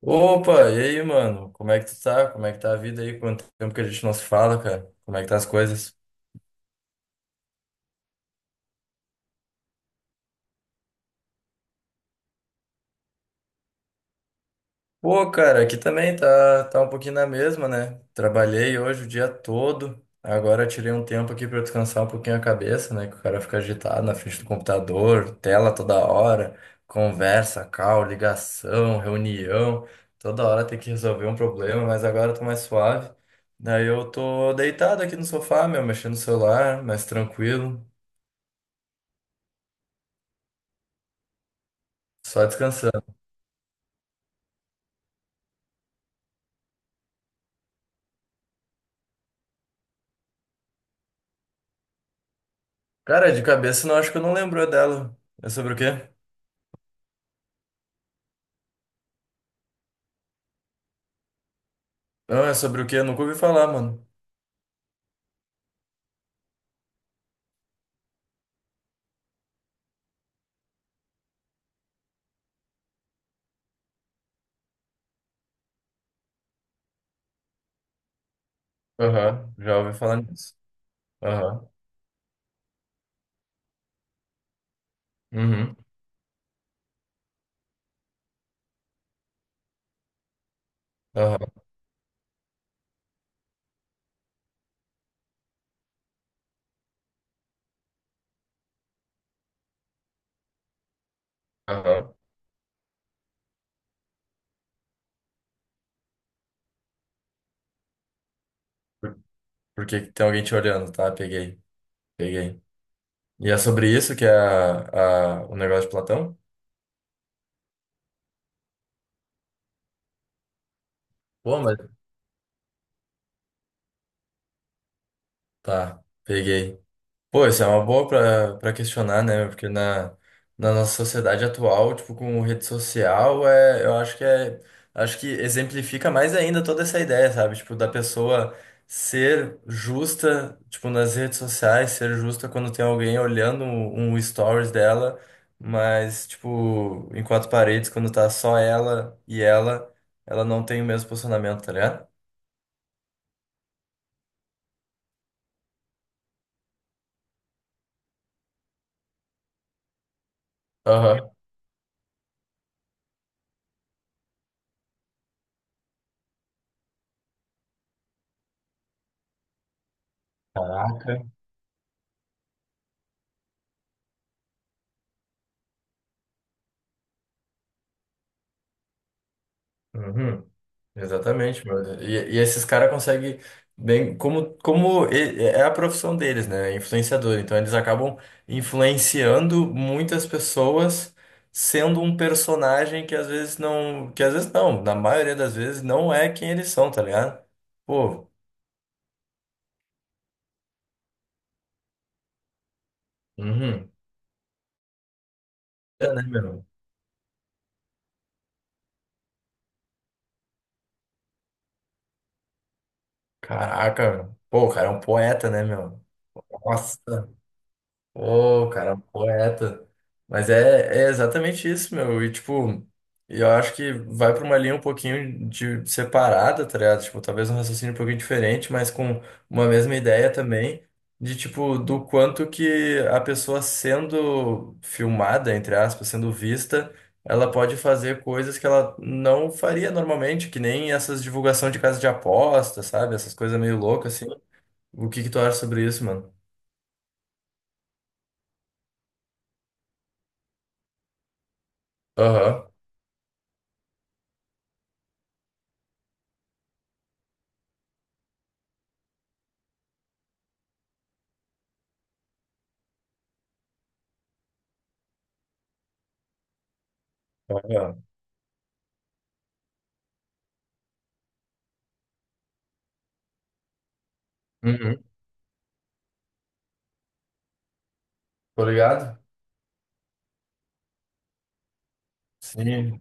Opa, e aí, mano? Como é que tu tá? Como é que tá a vida aí? Quanto tempo que a gente não se fala, cara? Como é que tá as coisas? Pô, cara, aqui também tá um pouquinho na mesma, né? Trabalhei hoje o dia todo. Agora tirei um tempo aqui pra descansar um pouquinho a cabeça, né? Que o cara fica agitado na frente do computador, tela toda hora, conversa, call, ligação, reunião. Toda hora tem que resolver um problema, mas agora eu tô mais suave. Daí eu tô deitado aqui no sofá, meu, mexendo no celular, mais tranquilo, só descansando. Cara, de cabeça não acho que eu não lembro dela. É sobre o quê? Não, é sobre o quê? Eu nunca ouvi falar, mano. Aham, já ouvi falar nisso. Aham. Uhum. Aham. Aham. Por, por que que tem alguém te olhando? Tá, peguei. Peguei. E é sobre isso que é o negócio de Platão? Pô, mas. Tá, peguei. Pô, isso é uma boa pra questionar, né? Na nossa sociedade atual, tipo, com rede social, é, eu acho que é, acho que exemplifica mais ainda toda essa ideia, sabe? Tipo, da pessoa ser justa, tipo, nas redes sociais, ser justa quando tem alguém olhando um stories dela, mas, tipo, em quatro paredes, quando tá só ela e ela, ela não tem o mesmo posicionamento, tá ligado? Aham. Caraca. Uhum. Exatamente, mano. E esses caras conseguem bem, é a profissão deles, né? É influenciador. Então eles acabam influenciando muitas pessoas sendo um personagem que às vezes não, na maioria das vezes não é quem eles são, tá ligado? Pô, uhum. É, né, meu? Caraca, meu. Pô, o cara é um poeta, né, meu? Nossa. Ô, cara, um poeta. Mas é, é exatamente isso, meu. E, tipo, eu acho que vai pra uma linha um pouquinho de separada, tá ligado? Tipo, talvez um raciocínio um pouquinho diferente, mas com uma mesma ideia também, de, tipo, do quanto que a pessoa sendo filmada, entre aspas, sendo vista, ela pode fazer coisas que ela não faria normalmente, que nem essas divulgação de casa de aposta, sabe? Essas coisas meio loucas, assim. O que que tu acha sobre isso, mano? Aham. Aham. Uhum. Tô ligado? Sim.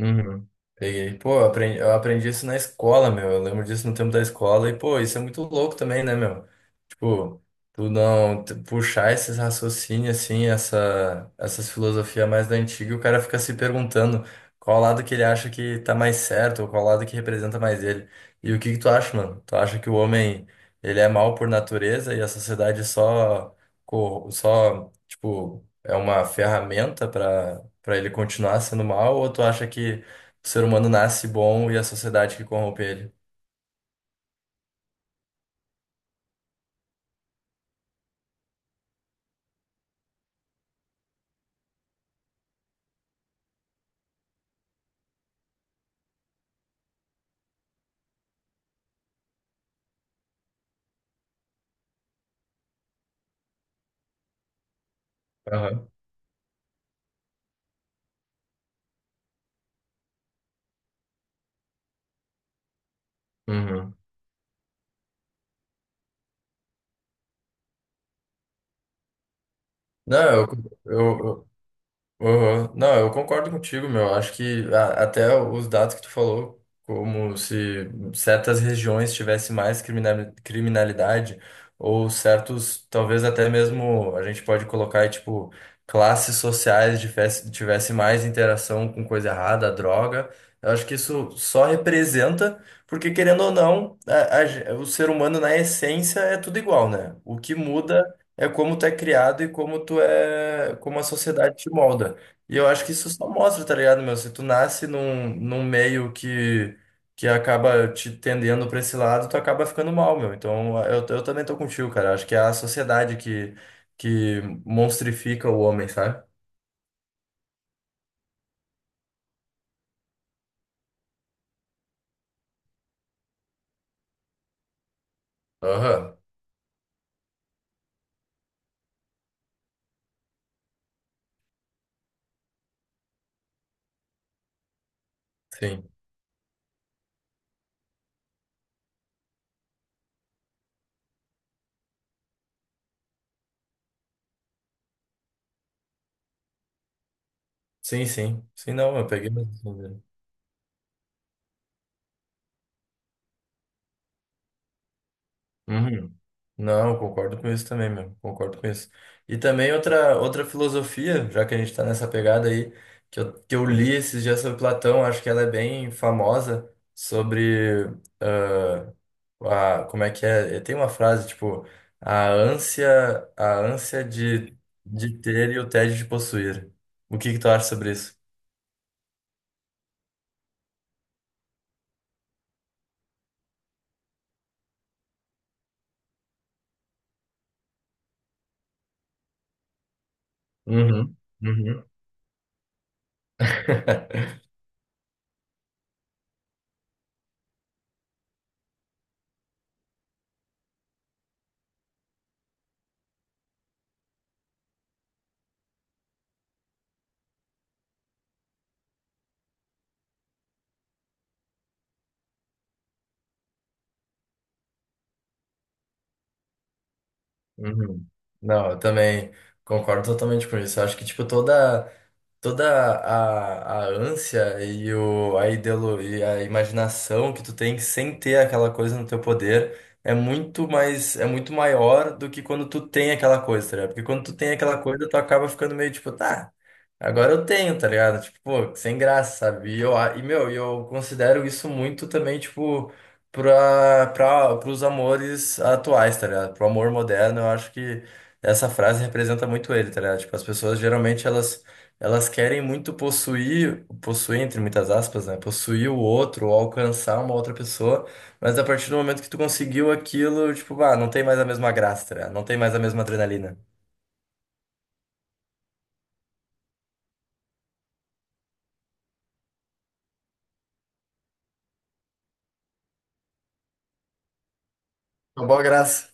Uhum. Peguei. Pô, eu aprendi isso na escola, meu. Eu lembro disso no tempo da escola. E, pô, isso é muito louco também, né, meu? Tipo, tu não tu puxar esses raciocínios, assim, essas filosofias mais da antiga, e o cara fica se perguntando qual lado que ele acha que tá mais certo, ou qual lado que representa mais ele. E o que que tu acha, mano? Tu acha que o homem, ele é mau por natureza e a sociedade só, tipo, é uma ferramenta para pra ele continuar sendo mal, ou tu acha que o ser humano nasce bom e a sociedade que corrompe ele? Aham. Uhum. Não, eu, eu, uhum. Não, eu concordo contigo, meu. Acho que até os dados que tu falou, como se certas regiões tivessem mais criminalidade, ou certos, talvez até mesmo a gente pode colocar aí, tipo, classes sociais tivesse mais interação com coisa errada, droga. Eu acho que isso só representa, porque querendo ou não, o ser humano na essência é tudo igual, né? O que muda é como tu é criado e como tu é, como a sociedade te molda. E eu acho que isso só mostra, tá ligado, meu? Se tu nasce num meio que acaba te tendendo pra esse lado, tu acaba ficando mal, meu. Então eu também tô contigo, cara. Acho que é a sociedade que monstrifica o homem, sabe? Aham, sim. Sim, não, eu peguei. Uhum. Não, eu concordo com isso também, meu. Concordo com isso. E também outra filosofia, já que a gente está nessa pegada aí, que eu li esses dias sobre Platão, acho que ela é bem famosa, sobre ah, a, como é que é? Eh, tem uma frase, tipo, a ânsia de ter e o tédio de possuir. O que que tu acha sobre isso? Uhum, uhum, uhum. Não, eu também concordo totalmente com isso. Eu acho que, tipo, toda a ânsia a ideolo, e a imaginação que tu tem sem ter aquela coisa no teu poder é muito mais, é muito maior do que quando tu tem aquela coisa, tá ligado? Porque quando tu tem aquela coisa, tu acaba ficando meio tipo, tá. Agora eu tenho, tá ligado? Tipo, pô, sem graça, sabe? E, eu, a- e meu, e eu considero isso muito também, tipo, pros amores atuais, tá ligado? Pro amor moderno, eu acho que essa frase representa muito ele, tá ligado? Tipo, as pessoas geralmente elas querem muito possuir, entre muitas aspas, né? Possuir o outro, ou alcançar uma outra pessoa, mas a partir do momento que tu conseguiu aquilo, tipo, ah, não tem mais a mesma graça, tá ligado? Não tem mais a mesma adrenalina. Uma boa graça.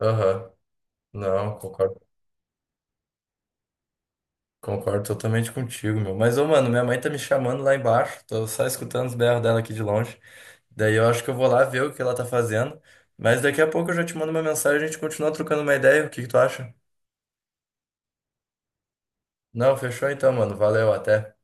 Aham, não, concordo. Concordo totalmente contigo, meu. Mas, ô, mano, minha mãe tá me chamando lá embaixo. Tô só escutando os berros dela aqui de longe. Daí eu acho que eu vou lá ver o que ela tá fazendo. Mas daqui a pouco eu já te mando uma mensagem, e a gente continua trocando uma ideia. O que que tu acha? Não, fechou então, mano. Valeu, até.